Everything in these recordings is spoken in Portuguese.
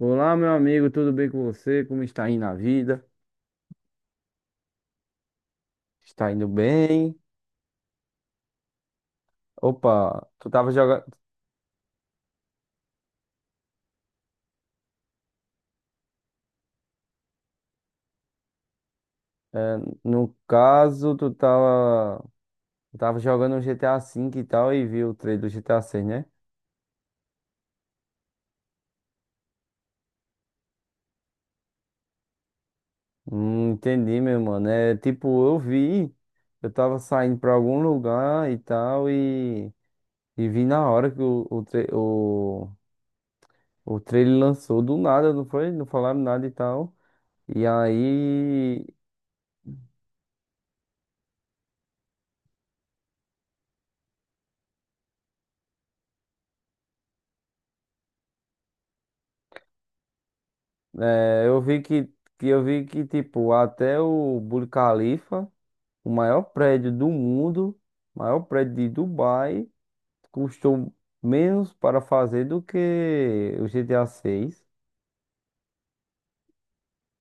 Olá, meu amigo, tudo bem com você? Como está indo a vida? Está indo bem? Opa, tu tava jogando. No caso, tu tava jogando um GTA V e tal e viu o trailer do GTA 6, né? Entendi, meu mano. É tipo, eu vi, eu tava saindo pra algum lugar e vi na hora que o trailer lançou do nada, não foi? Não falaram nada e tal. E aí. É, eu vi que, que eu vi que tipo até o Burj Khalifa, o maior prédio do mundo, maior prédio de Dubai, custou menos para fazer do que o GTA seis.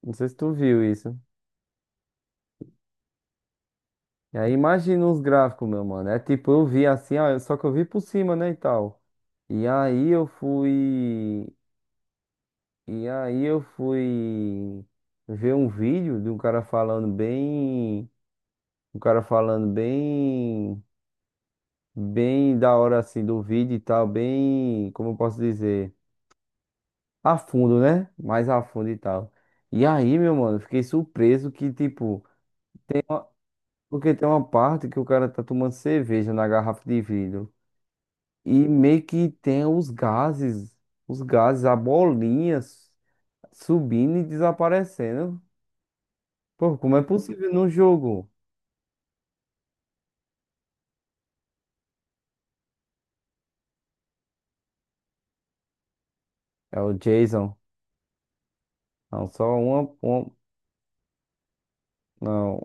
Não sei se tu viu isso. E aí imagina os gráficos, meu mano. É tipo, eu vi assim, ah, só que eu vi por cima, né, e tal. E aí eu fui e aí eu fui ver um vídeo de um cara falando bem bem da hora assim do vídeo e tal, bem, como eu posso dizer, a fundo, né? Mais a fundo e tal. E aí, meu mano, fiquei surpreso que, tipo, porque tem uma parte que o cara tá tomando cerveja na garrafa de vidro e meio que tem os gases, a subindo e desaparecendo. Pô, como é possível no jogo? É o Jason. Não, não,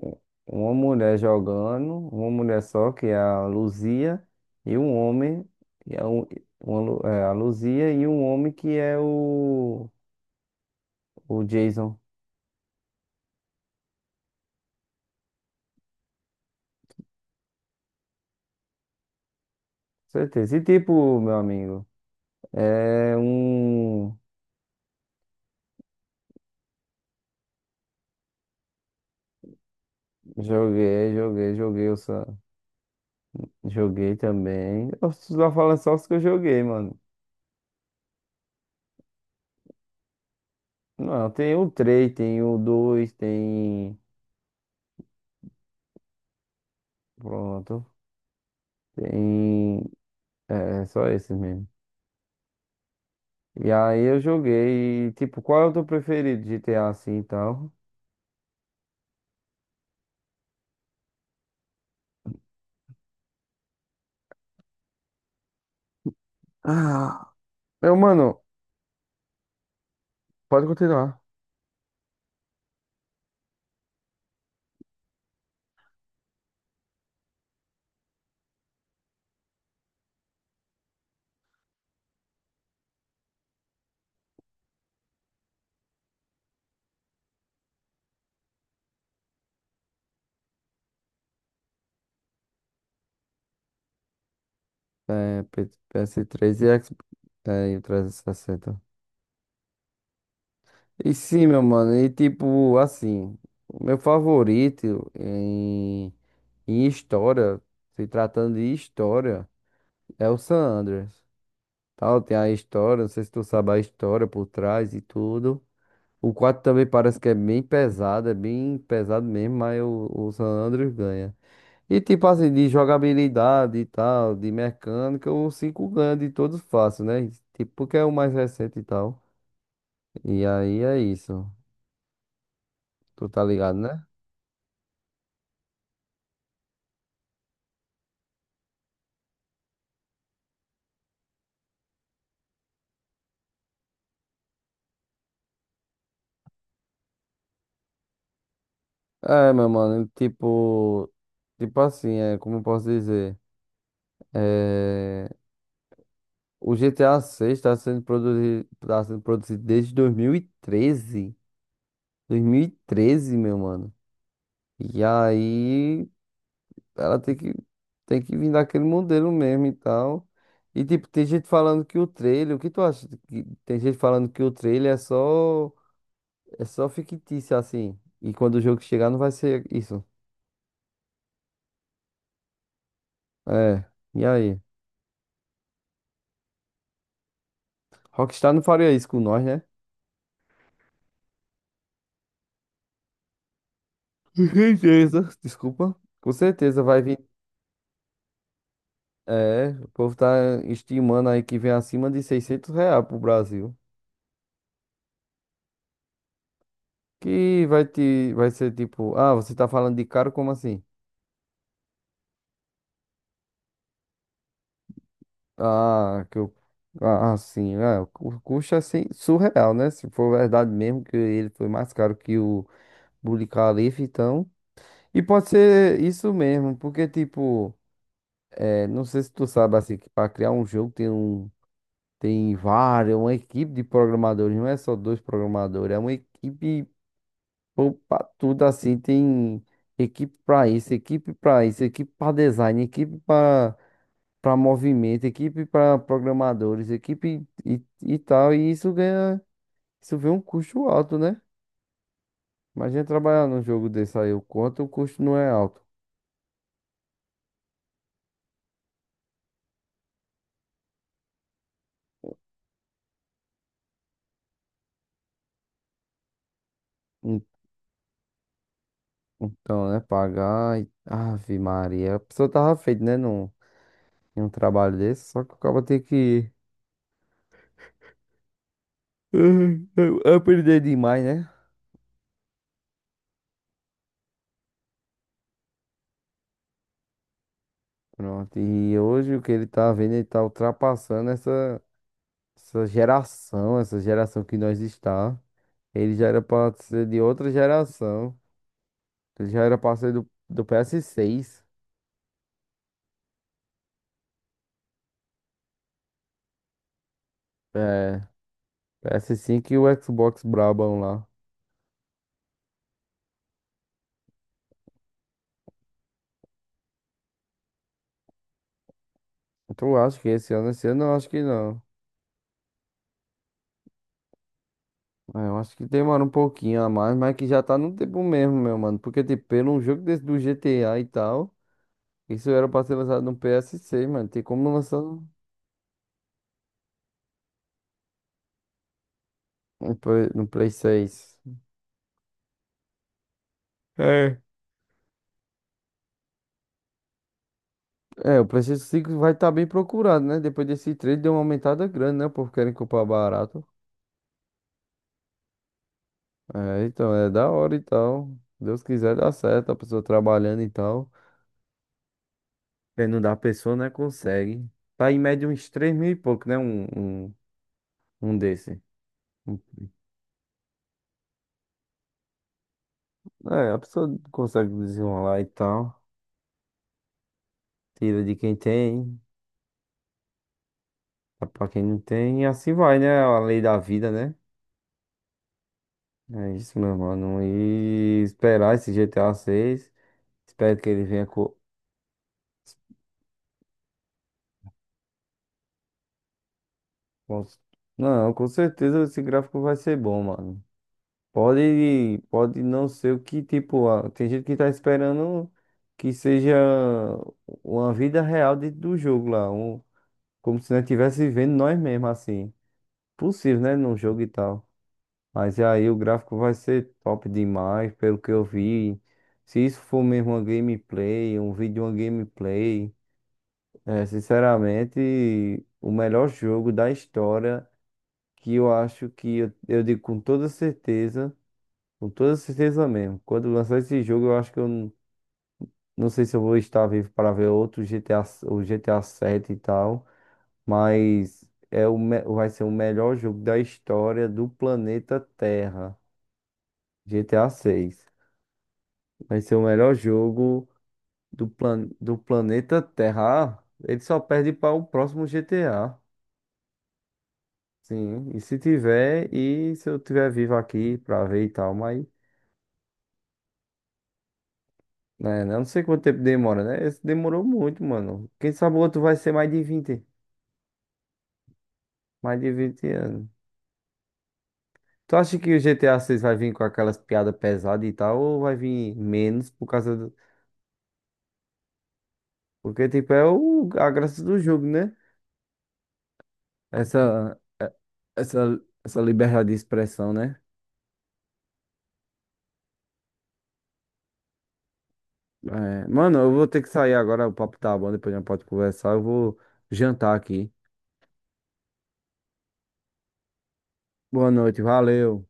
uma mulher jogando, uma mulher só, que é a Luzia, e um homem, que é, um, a Luzia, e um homem que é o Jason. Com certeza. E tipo, meu amigo, é um. Joguei, eu só... joguei também. Eu só falo é só os que eu joguei, mano. Não, tem o três, tem o dois, tem. Pronto. Tem. É, é só esses mesmo. E aí eu joguei, tipo, qual é o teu preferido, GTA assim e tal? Ah, meu mano, pode continuar. É, P- PS3 e Xbox, é, e o 360. E sessenta. E sim, meu mano, e tipo, assim, o meu favorito em, em história, se tratando de história, é o San Andreas. Tal, tem a história, não sei se tu sabe a história por trás e tudo. O 4 também parece que é bem pesado mesmo, mas o San Andreas ganha. E tipo assim, de jogabilidade e tal, de mecânica, o 5 ganha de todos fácil, né? Tipo, porque é o mais recente e tal. E aí é isso. Tu tá ligado, né? É, meu mano, tipo. Tipo assim, é, como eu posso dizer? É, o GTA 6 está sendo produzido, tá sendo produzido desde 2013. 2013, meu mano. E aí ela tem que vir daquele modelo mesmo e tal. E tipo, tem gente falando que o trailer, o que tu acha? Que... tem gente falando que o trailer é só fictício assim. E quando o jogo chegar não vai ser isso. É, e aí? Rockstar não faria isso com nós, né? Com certeza. Desculpa. Com certeza vai vir. É, o povo tá estimando aí que vem acima de R$ 600 pro Brasil. Que vai te, vai ser tipo, ah, você tá falando de caro, como assim? Ah, que eu. Ah, sim. Ah, o cu- custo é assim, surreal, né? Se for verdade mesmo que ele foi mais caro que o Burj Khalifa, então. E pode ser isso mesmo, porque, tipo, é, não sei se tu sabe, assim, que para criar um jogo tem um. Tem várias, uma equipe de programadores, não é só dois programadores, é uma equipe para tudo assim, tem equipe para isso, equipe para isso, equipe para design, equipe para para movimento, equipe para programadores, equipe e tal, e isso ganha, isso vem um custo alto, né? Imagina trabalhar num jogo desse aí, o quanto o custo não é alto. En- então, né, pagar, e- Ave Maria, a pessoa tava feita, né, num, em um trabalho desse, só que o cara tem que aprender demais, né? Pronto, e hoje o que ele tá vendo, ele tá ultrapassando essa geração que nós está. Ele já era pra ser de outra geração. Ele já era parceiro do PS6, é, PS5 e o Xbox Brabão lá. Então eu acho que esse ano? Esse ano eu acho que não. É, eu acho que demora um pouquinho a mais, mas que já tá no tempo mesmo, meu mano. Porque, tipo, pelo um jogo desse do GTA e tal, isso era pra ser lançado no PS6, mano. Tem como lançar no, no Play 6. É. É, o PlayStation 5 vai estar bem procurado, né? Depois desse trade deu uma aumentada grande, né? O povo querem comprar barato. É, então, é da hora e tal. Deus quiser dá certo, a pessoa trabalhando e tal. Quem não dá, pessoa, né, consegue. Tá em média uns 3.000 e pouco, né, um, um desse. Um- é, a pessoa consegue desenrolar e tal. Tira de quem tem, dá pra quem não tem. E assim vai, né, a lei da vida, né? É isso, meu mano. E esperar esse G T GTA seis. Espero que ele venha com- não, com certeza esse gráfico vai ser bom, mano. Pode, pode não ser o que, tipo, a- tem gente que tá esperando que seja uma vida real dentro do jogo lá, um, como se nós estivesse vivendo nós mesmos, assim. Possível, né, num jogo e tal. Mas aí o gráfico vai ser top demais, pelo que eu vi. Se isso for mesmo uma gameplay, um vídeo, uma gameplay, é, sinceramente, o melhor jogo da história, que eu acho que, eu digo com toda certeza. Com toda certeza mesmo. Quando lançar esse jogo, eu acho que eu n- não sei se eu vou estar vivo para ver outro GTA, s- o GTA 7 e tal, mas é o, me- vai ser o melhor jogo da história do planeta Terra. GTA 6. Vai ser o melhor jogo do, plan, do planeta Terra. Ah, ele só perde para o próximo GTA. Sim, e se tiver, e se eu tiver vivo aqui para ver e tal, mas né? Eu não sei quanto tempo demora, né? Esse demorou muito, mano. Quem sabe o outro vai ser mais de 20 anos. Tu acha que o GTA 6 vai vir com aquelas piadas pesadas e tal, ou vai vir menos por causa do... porque, tipo, é o... a graça do jogo, né? Essa, é- essa, essa liberdade de expressão, né? É, mano, eu vou ter que sair agora, o papo tá bom, depois a gente pode conversar, eu vou jantar aqui. Boa noite, valeu.